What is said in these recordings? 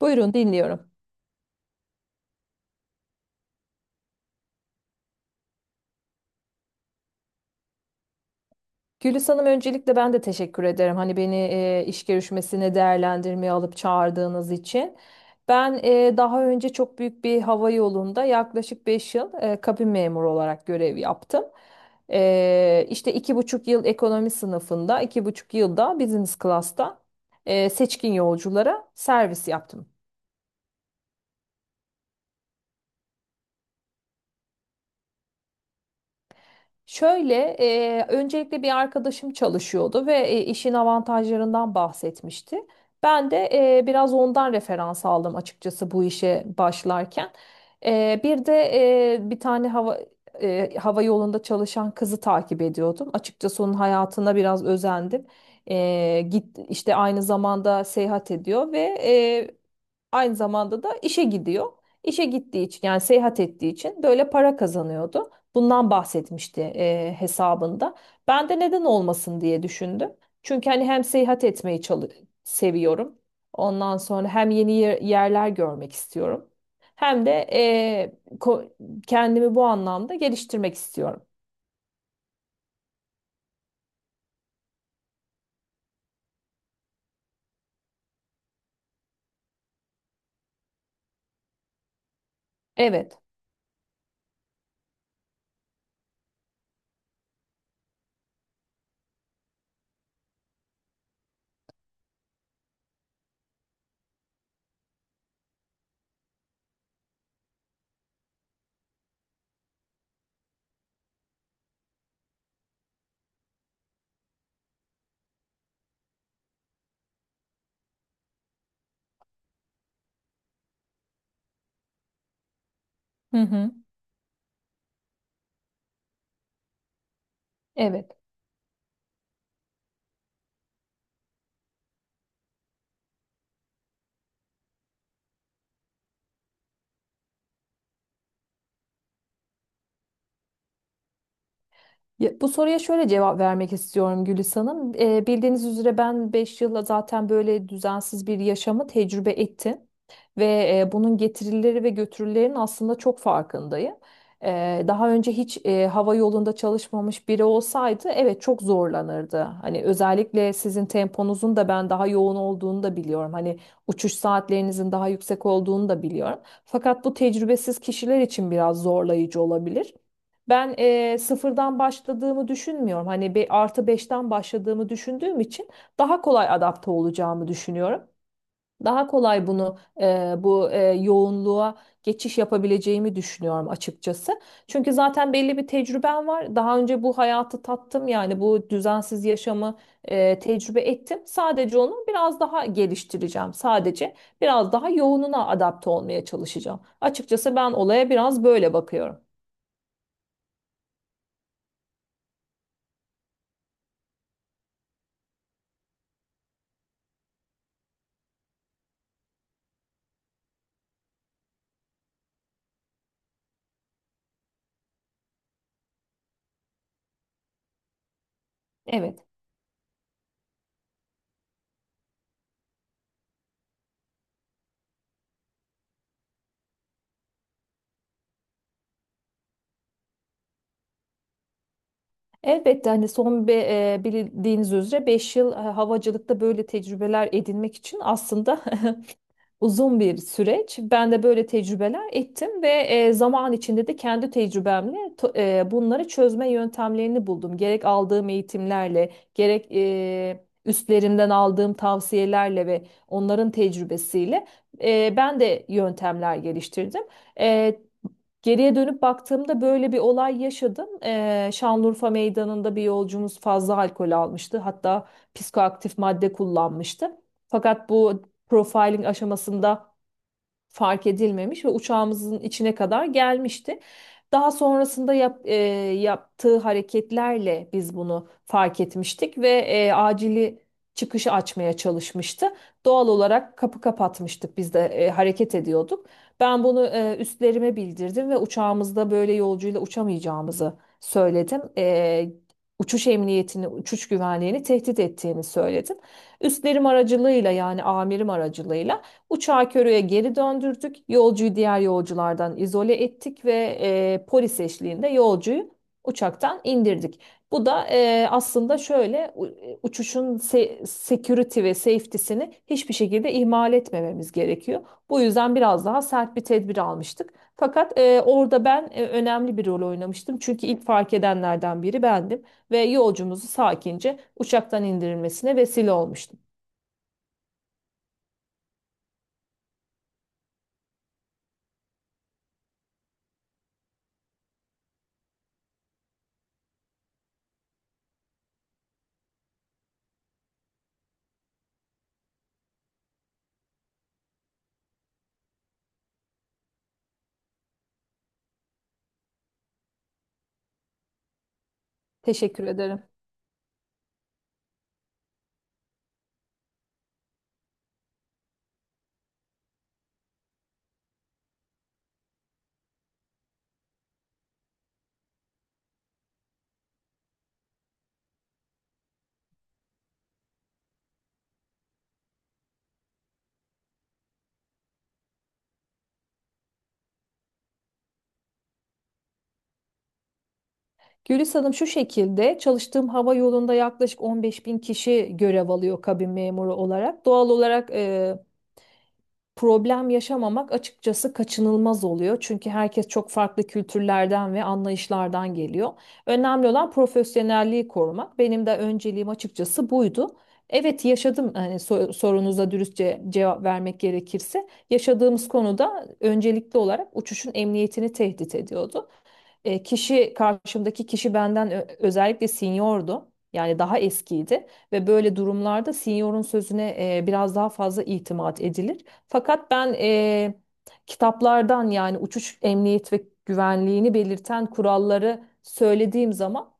Buyurun, dinliyorum. Gülis Hanım, öncelikle ben de teşekkür ederim. Hani beni iş görüşmesine değerlendirmeye alıp çağırdığınız için. Ben daha önce çok büyük bir hava yolunda yaklaşık 5 yıl kabin memuru olarak görev yaptım. İşte 2,5 yıl ekonomi sınıfında, 2,5 yılda business class'ta seçkin yolculara servis yaptım. Şöyle, öncelikle bir arkadaşım çalışıyordu ve işin avantajlarından bahsetmişti. Ben de biraz ondan referans aldım açıkçası bu işe başlarken. Bir de bir tane hava yolunda çalışan kızı takip ediyordum. Açıkçası onun hayatına biraz özendim. E, git işte aynı zamanda seyahat ediyor ve aynı zamanda da işe gidiyor. İşe gittiği için, yani seyahat ettiği için böyle para kazanıyordu. Bundan bahsetmişti hesabında. Ben de neden olmasın diye düşündüm. Çünkü hani hem seyahat etmeyi seviyorum. Ondan sonra hem yeni yerler görmek istiyorum. Hem de kendimi bu anlamda geliştirmek istiyorum. Evet. Hı hı. Evet. Ya, bu soruya şöyle cevap vermek istiyorum Gülis Hanım. Bildiğiniz üzere ben 5 yılla zaten böyle düzensiz bir yaşamı tecrübe ettim. Ve bunun getirileri ve götürülerinin aslında çok farkındayım. Daha önce hiç hava yolunda çalışmamış biri olsaydı evet çok zorlanırdı. Hani özellikle sizin temponuzun da ben daha yoğun olduğunu da biliyorum. Hani uçuş saatlerinizin daha yüksek olduğunu da biliyorum. Fakat bu tecrübesiz kişiler için biraz zorlayıcı olabilir. Ben sıfırdan başladığımı düşünmüyorum. Hani bir artı beşten başladığımı düşündüğüm için daha kolay adapte olacağımı düşünüyorum. Daha kolay bunu bu yoğunluğa geçiş yapabileceğimi düşünüyorum açıkçası. Çünkü zaten belli bir tecrübem var. Daha önce bu hayatı tattım, yani bu düzensiz yaşamı tecrübe ettim. Sadece onu biraz daha geliştireceğim. Sadece biraz daha yoğununa adapte olmaya çalışacağım. Açıkçası ben olaya biraz böyle bakıyorum. Evet. Elbette hani bildiğiniz üzere 5 yıl havacılıkta böyle tecrübeler edinmek için aslında uzun bir süreç. Ben de böyle tecrübeler ettim ve zaman içinde de kendi tecrübemle bunları çözme yöntemlerini buldum. Gerek aldığım eğitimlerle, gerek üstlerimden aldığım tavsiyelerle ve onların tecrübesiyle ben de yöntemler geliştirdim. E, Geriye dönüp baktığımda böyle bir olay yaşadım. Şanlıurfa Meydanı'nda bir yolcumuz fazla alkol almıştı. Hatta psikoaktif madde kullanmıştı. Fakat bu profiling aşamasında fark edilmemiş ve uçağımızın içine kadar gelmişti. Daha sonrasında yaptığı hareketlerle biz bunu fark etmiştik ve acili çıkışı açmaya çalışmıştı. Doğal olarak kapı kapatmıştık, biz de hareket ediyorduk. Ben bunu üstlerime bildirdim ve uçağımızda böyle yolcuyla uçamayacağımızı söyledim. Uçuş emniyetini, uçuş güvenliğini tehdit ettiğini söyledim. Üstlerim aracılığıyla, yani amirim aracılığıyla uçağı Körü'ye geri döndürdük. Yolcuyu diğer yolculardan izole ettik ve polis eşliğinde yolcuyu uçaktan indirdik. Bu da aslında şöyle uçuşun security ve safety'sini hiçbir şekilde ihmal etmememiz gerekiyor. Bu yüzden biraz daha sert bir tedbir almıştık. Fakat orada ben önemli bir rol oynamıştım. Çünkü ilk fark edenlerden biri bendim ve yolcumuzu sakince uçaktan indirilmesine vesile olmuştum. Teşekkür ederim. Gülis Hanım, şu şekilde çalıştığım hava yolunda yaklaşık 15 bin kişi görev alıyor kabin memuru olarak. Doğal olarak problem yaşamamak açıkçası kaçınılmaz oluyor. Çünkü herkes çok farklı kültürlerden ve anlayışlardan geliyor. Önemli olan profesyonelliği korumak. Benim de önceliğim açıkçası buydu. Evet, yaşadım. Hani sorunuza dürüstçe cevap vermek gerekirse, yaşadığımız konuda öncelikli olarak uçuşun emniyetini tehdit ediyordu. E, kişi Karşımdaki kişi benden özellikle seniordu. Yani daha eskiydi ve böyle durumlarda seniorun sözüne biraz daha fazla itimat edilir. Fakat ben kitaplardan, yani uçuş emniyet ve güvenliğini belirten kuralları söylediğim zaman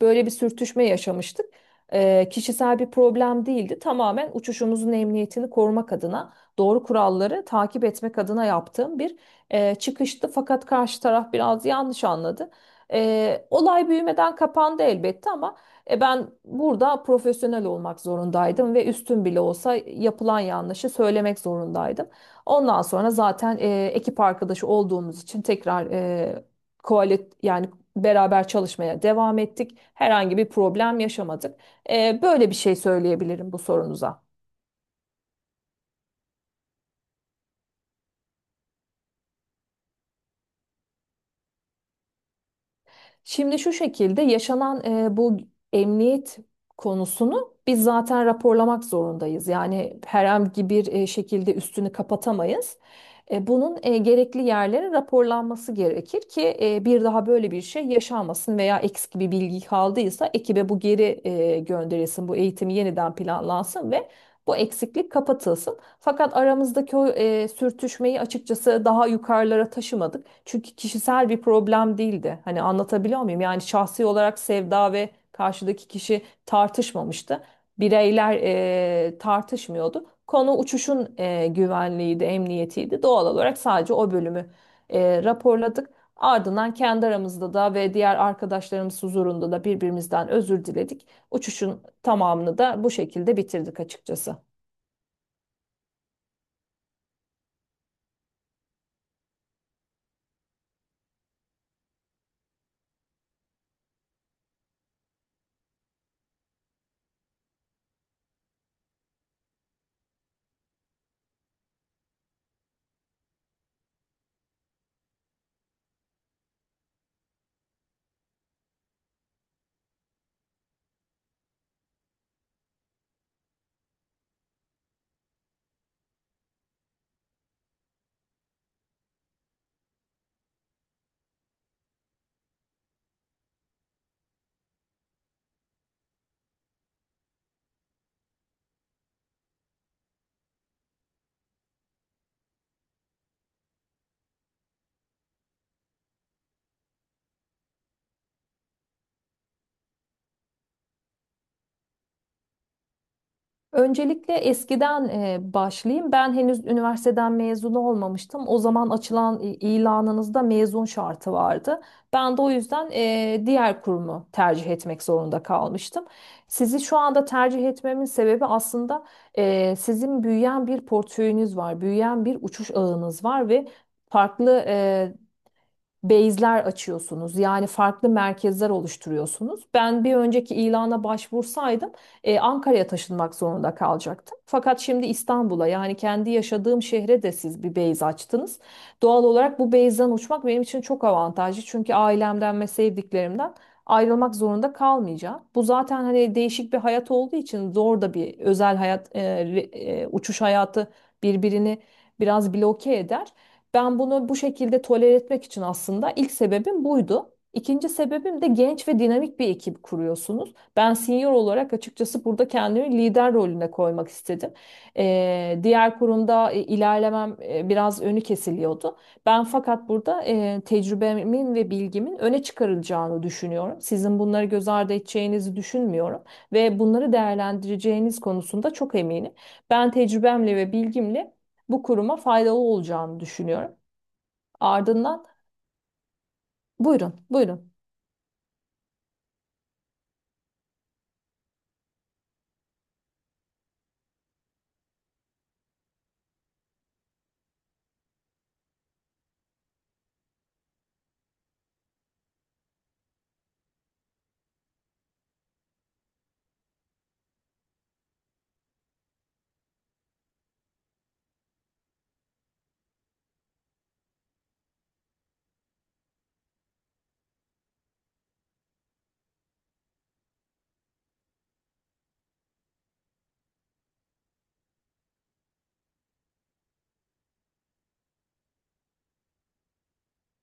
böyle bir sürtüşme yaşamıştık. Kişisel bir problem değildi. Tamamen uçuşumuzun emniyetini korumak adına, doğru kuralları takip etmek adına yaptığım bir çıkıştı. Fakat karşı taraf biraz yanlış anladı. Olay büyümeden kapandı elbette, ama ben burada profesyonel olmak zorundaydım ve üstün bile olsa yapılan yanlışı söylemek zorundaydım. Ondan sonra zaten ekip arkadaşı olduğumuz için tekrar e, koalit yani beraber çalışmaya devam ettik. Herhangi bir problem yaşamadık. Böyle bir şey söyleyebilirim bu sorunuza. Şimdi şu şekilde, yaşanan bu emniyet konusunu biz zaten raporlamak zorundayız. Yani herhangi bir şekilde üstünü kapatamayız. Bunun gerekli yerlere raporlanması gerekir ki bir daha böyle bir şey yaşanmasın veya eksik bir bilgi kaldıysa ekibe bu geri gönderilsin, bu eğitimi yeniden planlansın ve bu eksiklik kapatılsın. Fakat aramızdaki o sürtüşmeyi açıkçası daha yukarılara taşımadık. Çünkü kişisel bir problem değildi. Hani anlatabiliyor muyum? Yani şahsi olarak Sevda ve karşıdaki kişi tartışmamıştı, bireyler tartışmıyordu. Konu uçuşun güvenliğiydi, emniyetiydi. Doğal olarak sadece o bölümü raporladık. Ardından kendi aramızda da ve diğer arkadaşlarımız huzurunda da birbirimizden özür diledik. Uçuşun tamamını da bu şekilde bitirdik açıkçası. Öncelikle eskiden başlayayım. Ben henüz üniversiteden mezun olmamıştım. O zaman açılan ilanınızda mezun şartı vardı. Ben de o yüzden diğer kurumu tercih etmek zorunda kalmıştım. Sizi şu anda tercih etmemin sebebi aslında sizin büyüyen bir portföyünüz var, büyüyen bir uçuş ağınız var ve farklı base'ler açıyorsunuz. Yani farklı merkezler oluşturuyorsunuz. Ben bir önceki ilana başvursaydım Ankara'ya taşınmak zorunda kalacaktım. Fakat şimdi İstanbul'a, yani kendi yaşadığım şehre de siz bir base açtınız. Doğal olarak bu base'den uçmak benim için çok avantajlı. Çünkü ailemden ve sevdiklerimden ayrılmak zorunda kalmayacağım. Bu zaten hani değişik bir hayat olduğu için zor da. Bir özel hayat, uçuş hayatı birbirini biraz bloke eder. Ben bunu bu şekilde tolere etmek için, aslında ilk sebebim buydu. İkinci sebebim de genç ve dinamik bir ekip kuruyorsunuz. Ben senior olarak açıkçası burada kendimi lider rolüne koymak istedim. Diğer kurumda ilerlemem biraz önü kesiliyordu. Ben fakat burada tecrübemin ve bilgimin öne çıkarılacağını düşünüyorum. Sizin bunları göz ardı edeceğinizi düşünmüyorum ve bunları değerlendireceğiniz konusunda çok eminim. Ben tecrübemle ve bilgimle bu kuruma faydalı olacağını düşünüyorum. Ardından, buyurun, buyurun.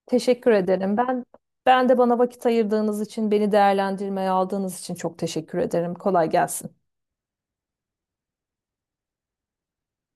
Teşekkür ederim. Ben de bana vakit ayırdığınız için, beni değerlendirmeye aldığınız için çok teşekkür ederim. Kolay gelsin.